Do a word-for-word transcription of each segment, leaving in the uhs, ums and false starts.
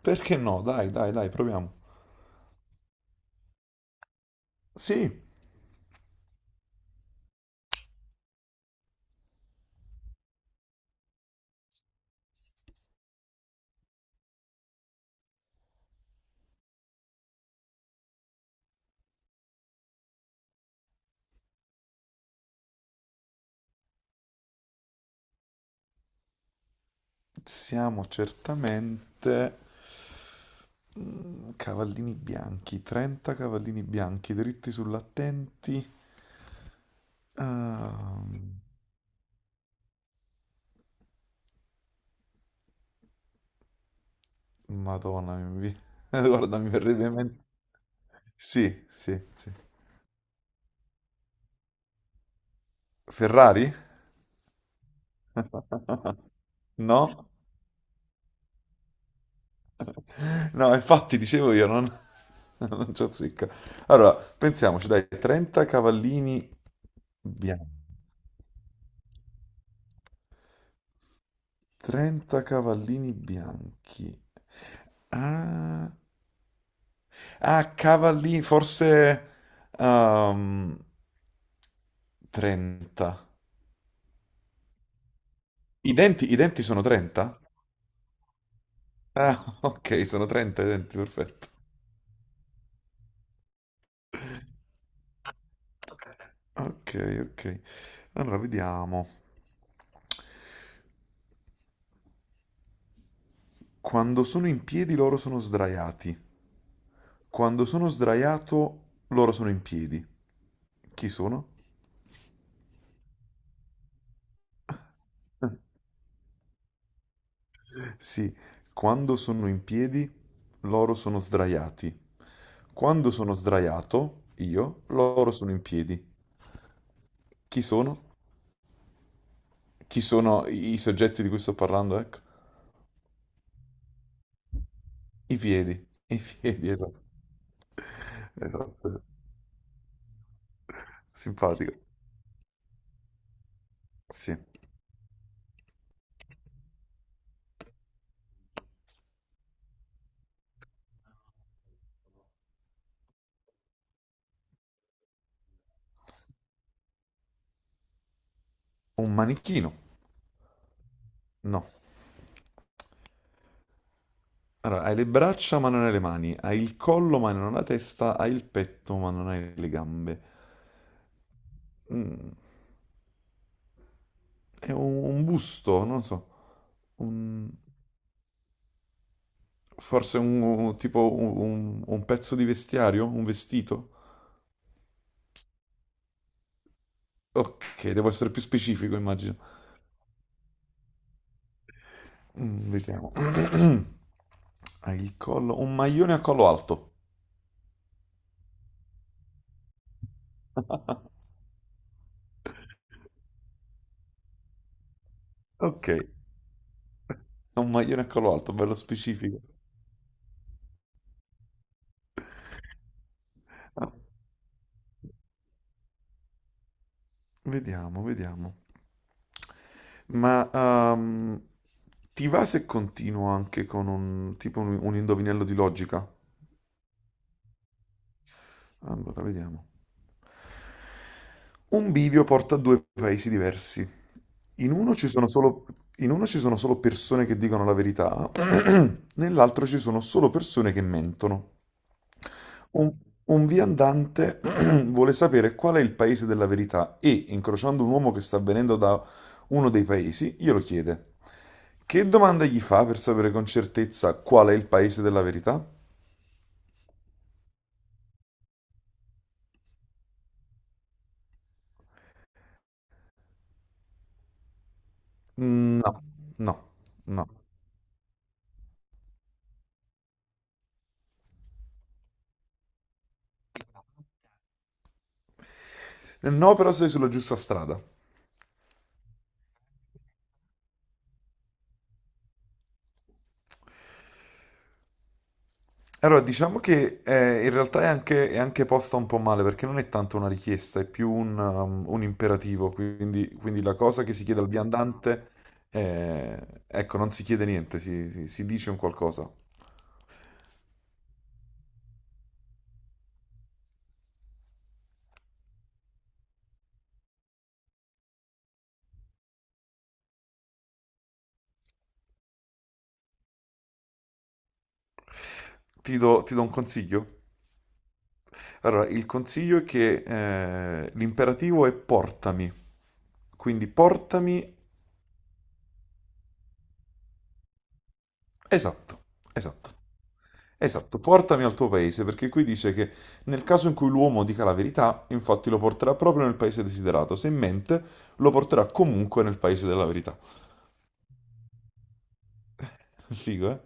Perché no? Dai, dai, dai, proviamo. Sì, siamo certamente mm, cavallini bianchi, trenta cavallini bianchi dritti sull'attenti. Ah, Madonna, mi vi- guarda, mi verrebbe in mente. Sì, sì, sì. Ferrari? No? No, infatti dicevo io, non, non c'ho zicca. Allora, pensiamoci, dai, trenta cavallini bianchi. trenta cavallini bianchi. Ah, ah, cavallini, forse ehm, trenta. I denti, i denti sono trenta? Ah, ok, sono trenta i denti, perfetto. Ok, ok. Allora, vediamo. Quando sono in piedi loro sono sdraiati. Quando sono sdraiato loro sono in piedi. Chi sono? Sì, quando sono in piedi, loro sono sdraiati. Quando sono sdraiato, io, loro sono in piedi. Chi sono? Chi sono i i soggetti di cui sto parlando? Ecco. I piedi. I piedi, esatto. Esatto. Simpatico. Sì. Un manichino. No. Allora, hai le braccia ma non hai le mani, hai il collo ma non hai la testa, hai il petto ma non hai le gambe. Mm, è un, un busto, non lo so. Un, forse un, un- tipo un, un- un pezzo di vestiario? Un vestito? Ok, devo essere più specifico, immagino. Mm, vediamo. Ha il collo. Un maglione a collo alto. Ok. Ha un maglione a collo alto, bello specifico. Ah, vediamo, vediamo. Ma ehm, ti va se continuo anche con un tipo un, un indovinello di logica? Allora, vediamo. Un bivio porta a due paesi diversi. In uno ci sono solo, in uno ci sono solo persone che dicono la verità, nell'altro ci sono solo persone che mentono. Un, un viandante vuole sapere qual è il paese della verità e, incrociando un uomo che sta venendo da uno dei paesi, glielo chiede. Che domanda gli fa per sapere con certezza qual è il paese della verità? Mm, no, no, no. No, però sei sulla giusta strada. Allora, diciamo che eh, in realtà è anche, è anche posta un po' male perché non è tanto una richiesta, è più un, um, un imperativo. Quindi, quindi la cosa che si chiede al viandante, eh, ecco, non si chiede niente, si, si- si dice un qualcosa. Ti do, ti do un consiglio? Allora, il consiglio è che eh, l'imperativo è portami. Quindi portami. Esatto, esatto. Esatto, portami al tuo paese, perché qui dice che nel caso in cui l'uomo dica la verità, infatti lo porterà proprio nel paese desiderato, se mente lo porterà comunque nel paese della verità. Figo, eh?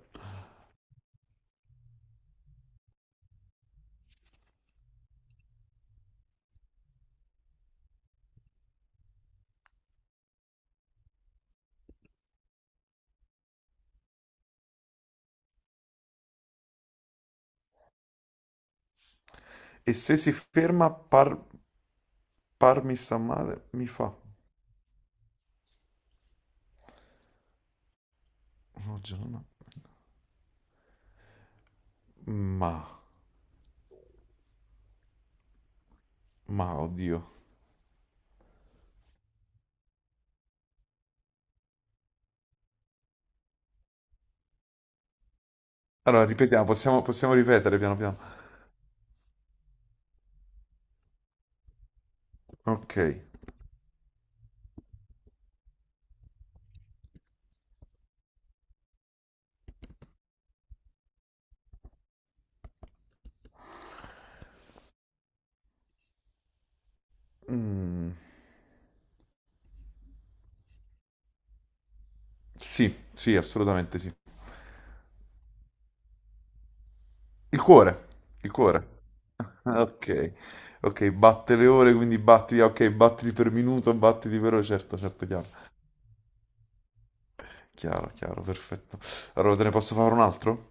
E se si ferma, par, parmi sta male, mi fa... Oggi non ho- Ma, ma, oddio. Allora, ripetiamo, possiamo, possiamo ripetere piano piano. Ok. Mm, sì, sì, assolutamente sì. Il cuore, il cuore. Ok, ok, batte le ore, quindi batti, ok, battiti per minuto, battiti per ore, certo, certo, chiaro, chiaro, chiaro, perfetto. Allora, te ne posso fare un altro?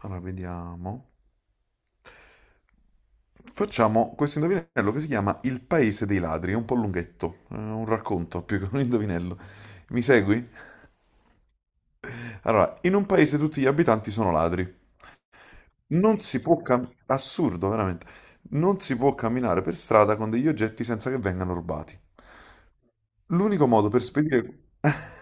Allora, vediamo. Facciamo questo indovinello che si chiama Il paese dei ladri, è un po' lunghetto, è un racconto più che un indovinello. Mi segui? Allora, in un paese tutti gli abitanti sono ladri. Non si può camminare, assurdo, veramente, non si può camminare per strada con degli oggetti senza che vengano rubati. L'unico modo per spedire...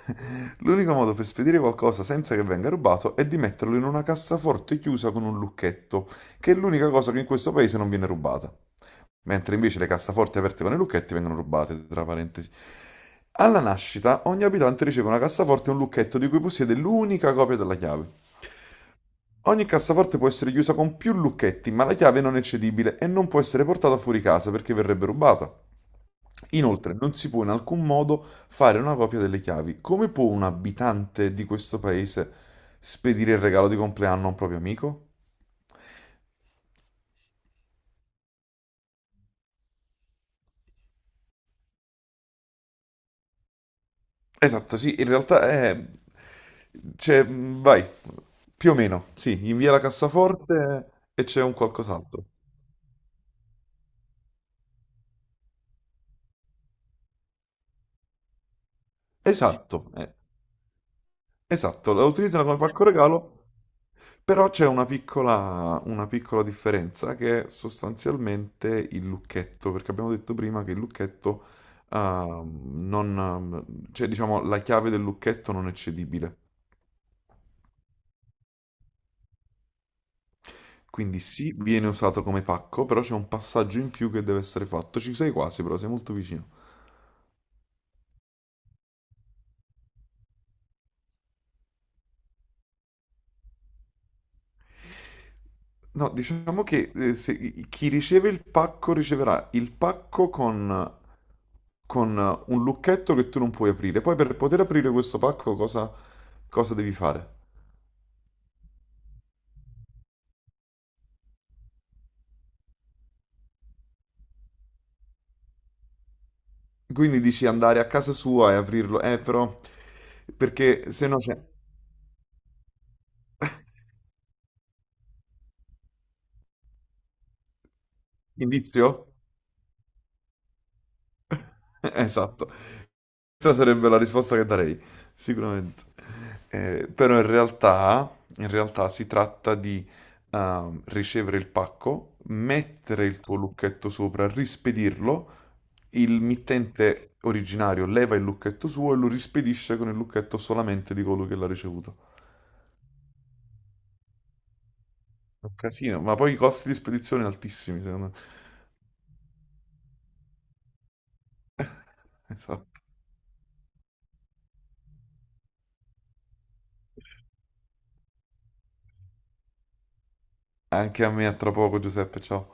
L'unico modo per spedire qualcosa senza che venga rubato è di metterlo in una cassaforte chiusa con un lucchetto, che è l'unica cosa che in questo paese non viene rubata. Mentre invece le cassaforti aperte con i lucchetti vengono rubate, tra parentesi. Alla nascita, ogni abitante riceve una cassaforte e un lucchetto di cui possiede l'unica copia della chiave. Ogni cassaforte può essere chiusa con più lucchetti, ma la chiave non è cedibile e non può essere portata fuori casa perché verrebbe rubata. Inoltre, non si può in alcun modo fare una copia delle chiavi. Come può un abitante di questo paese spedire il regalo di compleanno a un proprio amico? Esatto, sì, in realtà è... Cioè, mh, vai, più o meno, sì, invia la cassaforte e c'è un qualcos'altro. Esatto, eh, esatto, la utilizzano come pacco regalo, però c'è una piccola, una piccola differenza che è sostanzialmente il lucchetto, perché abbiamo detto prima che il lucchetto, ehm, non, ehm, cioè diciamo la chiave del lucchetto non è cedibile. Quindi sì, viene usato come pacco, però c'è un passaggio in più che deve essere fatto. Ci sei quasi, però sei molto vicino. No, diciamo che eh, se- chi riceve il pacco riceverà il pacco con, con un lucchetto che tu non puoi aprire. Poi per poter aprire questo pacco cosa, cosa devi fare? Quindi dici andare a casa sua e aprirlo. Eh, però, perché se no c'è... Indizio? Esatto. Questa sarebbe la risposta che darei, sicuramente. Eh, però in realtà, in realtà si tratta di ehm, ricevere il pacco, mettere il tuo lucchetto sopra, rispedirlo, il mittente originario leva il lucchetto suo e lo rispedisce con il lucchetto solamente di colui che l'ha ricevuto. È un casino, ma poi i costi di spedizione altissimi, secondo me. Esatto. Anche a me, a tra poco, Giuseppe, ciao.